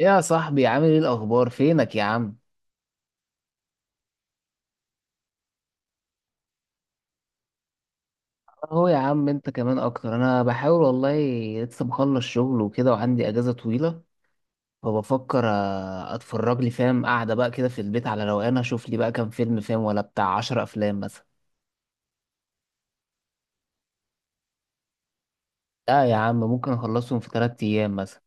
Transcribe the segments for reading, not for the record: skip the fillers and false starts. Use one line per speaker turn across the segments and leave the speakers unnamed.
يا صاحبي، عامل ايه الاخبار؟ فينك يا عم؟ اهو يا عم، انت كمان اكتر. انا بحاول والله، لسه مخلص شغل وكده وعندي اجازه طويله، فبفكر اتفرج لي، فاهم، قاعده بقى كده في البيت على روقان، اشوف لي بقى كام فيلم، فاهم، ولا بتاع 10 افلام مثلا. لا يا عم، ممكن اخلصهم في 3 ايام مثلا.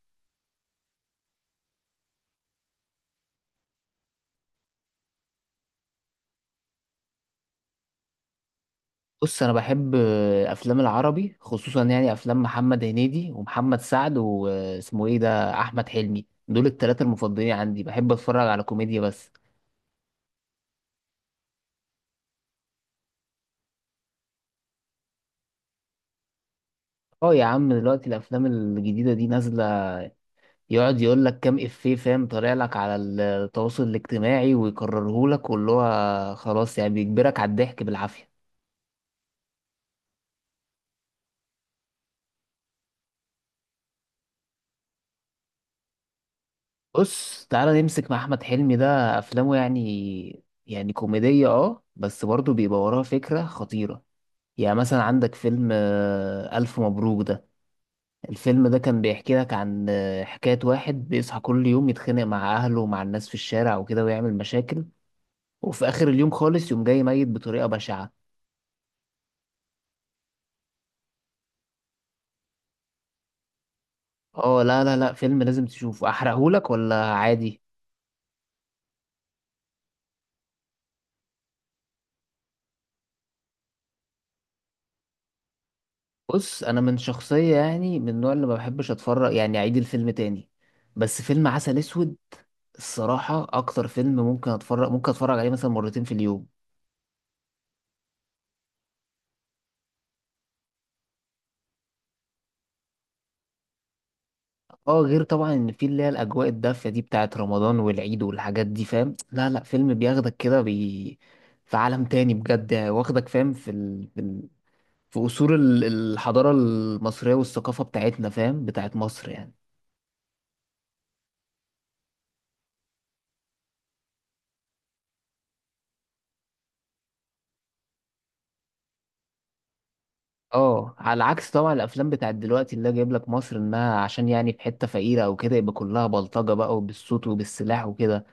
بص، انا بحب افلام العربي خصوصا، يعني افلام محمد هنيدي ومحمد سعد، واسمه ايه ده، احمد حلمي. دول الثلاثه المفضلين عندي، بحب اتفرج على كوميديا بس. اه يا عم، دلوقتي الافلام الجديده دي نازله، يقعد يقول لك كام افيه، فاهم، طالع لك على التواصل الاجتماعي ويكرره لك، واللي هو خلاص يعني بيجبرك على الضحك بالعافيه. بص، تعالى نمسك مع احمد حلمي ده، افلامه يعني كوميديه، اه، بس برضه بيبقى وراها فكره خطيره. يعني مثلا عندك فيلم الف مبروك ده. الفيلم ده كان بيحكي لك عن حكايه واحد بيصحى كل يوم يتخانق مع اهله ومع الناس في الشارع وكده ويعمل مشاكل، وفي اخر اليوم خالص، يوم جاي ميت بطريقه بشعه. اه لا لا لا، فيلم لازم تشوفه. احرقهولك ولا عادي؟ بص، انا من شخصيه، يعني من النوع اللي ما بحبش اتفرج، يعني اعيد الفيلم تاني، بس فيلم عسل اسود، الصراحه اكتر فيلم ممكن اتفرج عليه مثلا مرتين في اليوم. اه، غير طبعا ان في اللي هي الاجواء الدافيه دي بتاعت رمضان والعيد والحاجات دي، فاهم، لا لا، فيلم بياخدك كده في عالم تاني بجد، يعني واخدك، فاهم، في ال... في أصول الحضارة المصرية والثقافة بتاعتنا، فاهم، بتاعت مصر يعني. اه، على عكس طبعا الأفلام بتاعت دلوقتي اللي جايب لك مصر إنها، عشان يعني في حتة فقيرة أو كده، يبقى كلها بلطجة بقى وبالصوت وبالسلاح وكده.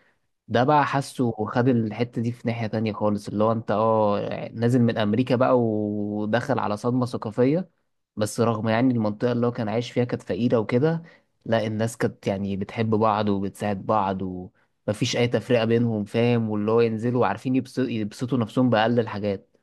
ده بقى حاسه، خد الحتة دي في ناحية تانية خالص، اللي هو انت، اه، نازل من امريكا بقى ودخل على صدمة ثقافية. بس رغم يعني المنطقة اللي هو كان عايش فيها كانت فقيرة وكده، لا، الناس كانت يعني بتحب بعض وبتساعد بعض ومفيش اي تفرقة بينهم، فاهم، واللي هو ينزلوا عارفين يبسطوا نفسهم بأقل الحاجات.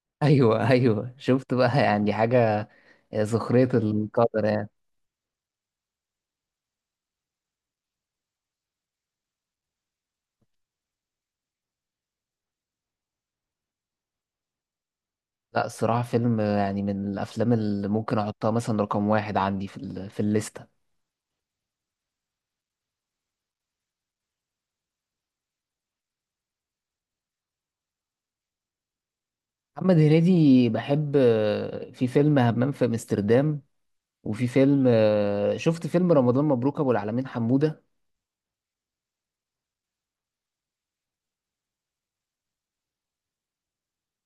ايوه ايوه، شفت بقى يعني حاجة، سخرية القدر يعني. لا، الصراحة فيلم يعني من الافلام اللي ممكن احطها مثلا رقم واحد عندي في في الليست. محمد هنيدي، بحب في فيلم همام في امستردام، وفي فيلم، شفت فيلم رمضان مبروك ابو العلمين حمودة.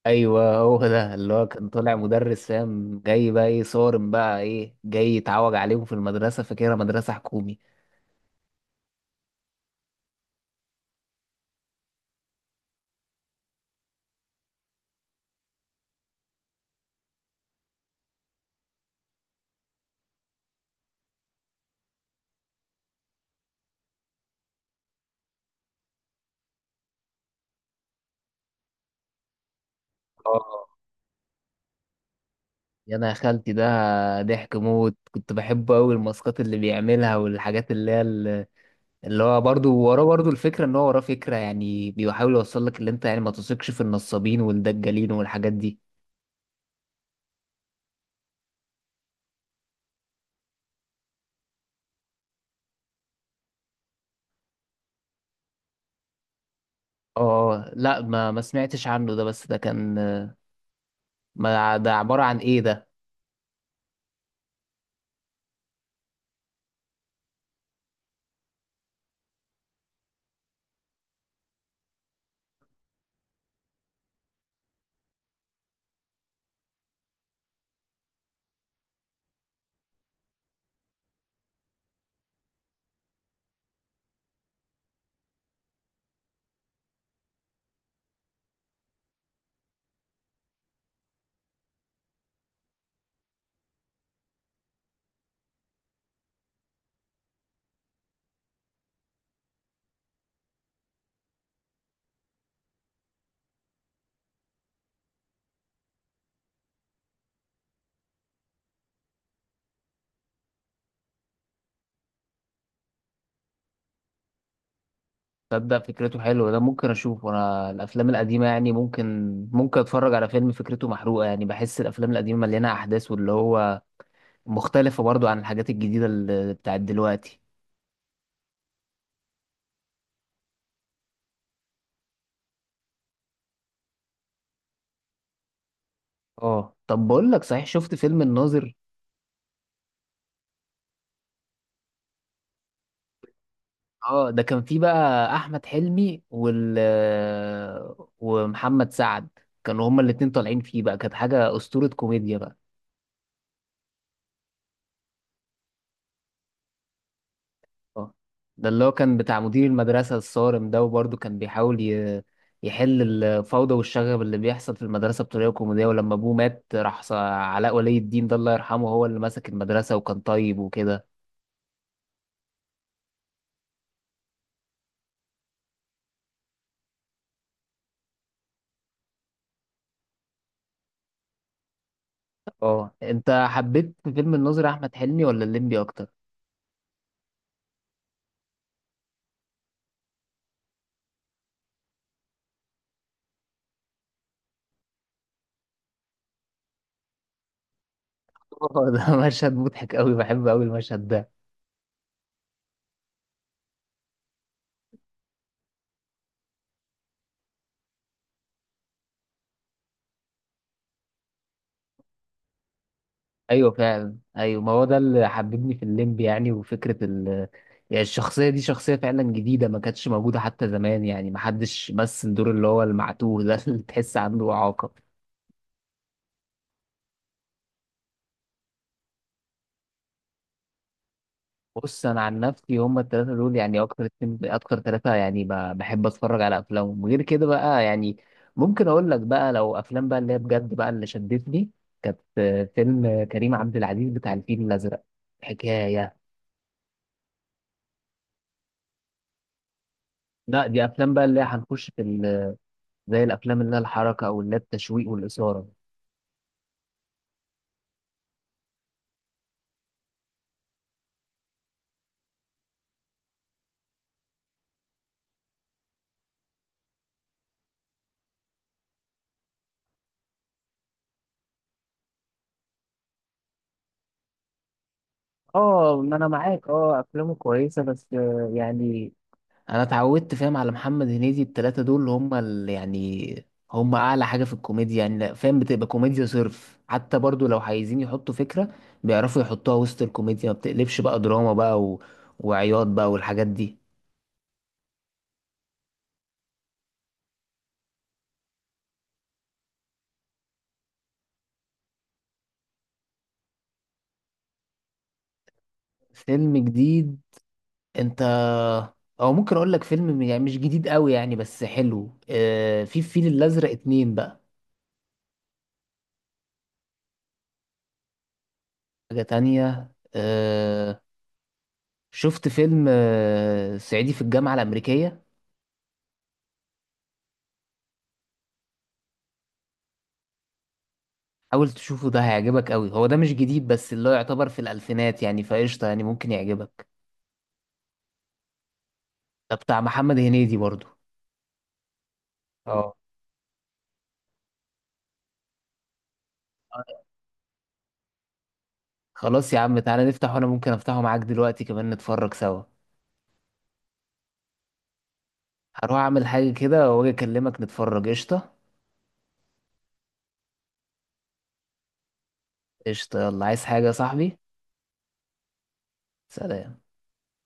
ايوه، هو ده اللي هو كان طالع مدرس، فاهم، جاي بقى ايه صارم، بقى ايه جاي يتعوج عليهم في المدرسة، فاكرها مدرسة حكومي. اه، يا انا يا خالتي ده، ضحك موت، كنت بحبه قوي، الماسكات اللي بيعملها والحاجات اللي هي اللي هو برضو وراه، برضو الفكرة ان هو وراه فكرة، يعني بيحاول يوصل لك اللي انت يعني ما تثقش في النصابين والدجالين والحاجات دي. اه لا، ما سمعتش عنه ده. بس ده كان، ما ده عبارة عن ايه ده؟ تصدق فكرته حلوة، ده ممكن اشوفه. انا الافلام القديمة يعني ممكن اتفرج على فيلم فكرته محروقة، يعني بحس الافلام القديمة مليانة احداث، واللي هو مختلفة برضو عن الحاجات الجديدة اللي بتاعت دلوقتي. اه طب، بقول لك صحيح، شفت فيلم الناظر؟ اه، ده كان فيه بقى احمد حلمي ومحمد سعد، كانوا هما الاتنين طالعين فيه بقى، كانت حاجة اسطورة كوميديا بقى. اه، ده اللي هو كان بتاع مدير المدرسة الصارم ده، وبرضه كان بيحاول يحل الفوضى والشغب اللي بيحصل في المدرسة بطريقة كوميدية، ولما أبوه مات راح علاء ولي الدين ده، الله يرحمه، هو اللي مسك المدرسة وكان طيب وكده. اه، انت حبيت في فيلم الناظر أحمد حلمي ولا الليمبي أكتر؟ اه، ده مشهد مضحك أوي، بحب أوي المشهد ده. ايوه فعلا، ايوه، ما هو ده اللي حببني في الليمب يعني، وفكره يعني الشخصيه دي شخصيه فعلا جديده، ما كانتش موجوده حتى زمان، يعني ما حدش مثل دور اللي هو المعتوه ده، اللي تحس عنده اعاقه. بص، انا عن نفسي هم الثلاثه دول، يعني اكتر اتنين، اكتر ثلاثه، يعني بحب اتفرج على افلامهم، غير كده بقى يعني ممكن اقول لك بقى لو افلام بقى اللي هي بجد بقى اللي شدتني، كانت فيلم كريم عبد العزيز بتاع الفيل الازرق، حكايه. لا، دي افلام بقى اللي هي هنخش في زي الافلام اللي هي الحركه، او اللي هي التشويق والاثاره. اه، ما انا معاك، اه افلامه كويسه بس، يعني انا اتعودت، فاهم، على محمد هنيدي، التلاته دول اللي هم، اللي يعني هم اعلى حاجه في الكوميديا، يعني فاهم بتبقى كوميديا صرف، حتى برضو لو عايزين يحطوا فكره بيعرفوا يحطوها وسط الكوميديا، ما بتقلبش بقى دراما بقى وعياط بقى والحاجات دي. فيلم جديد؟ انت، او ممكن اقول لك فيلم يعني مش جديد قوي يعني بس حلو، في الفيل الازرق اتنين بقى. حاجة تانية. شفت فيلم صعيدي في الجامعة الأمريكية؟ حاول تشوفه، ده هيعجبك قوي. هو ده مش جديد بس اللي هو يعتبر في الألفينات يعني، فقشطة يعني ممكن يعجبك. ده بتاع محمد هنيدي برضو. اه خلاص يا عم، تعالى نفتح، وأنا ممكن أفتحه معاك دلوقتي كمان نتفرج سوا. هروح أعمل حاجة كده وأجي أكلمك، نتفرج قشطة. قشطة، يلا، عايز حاجة يا صاحبي؟ سلام.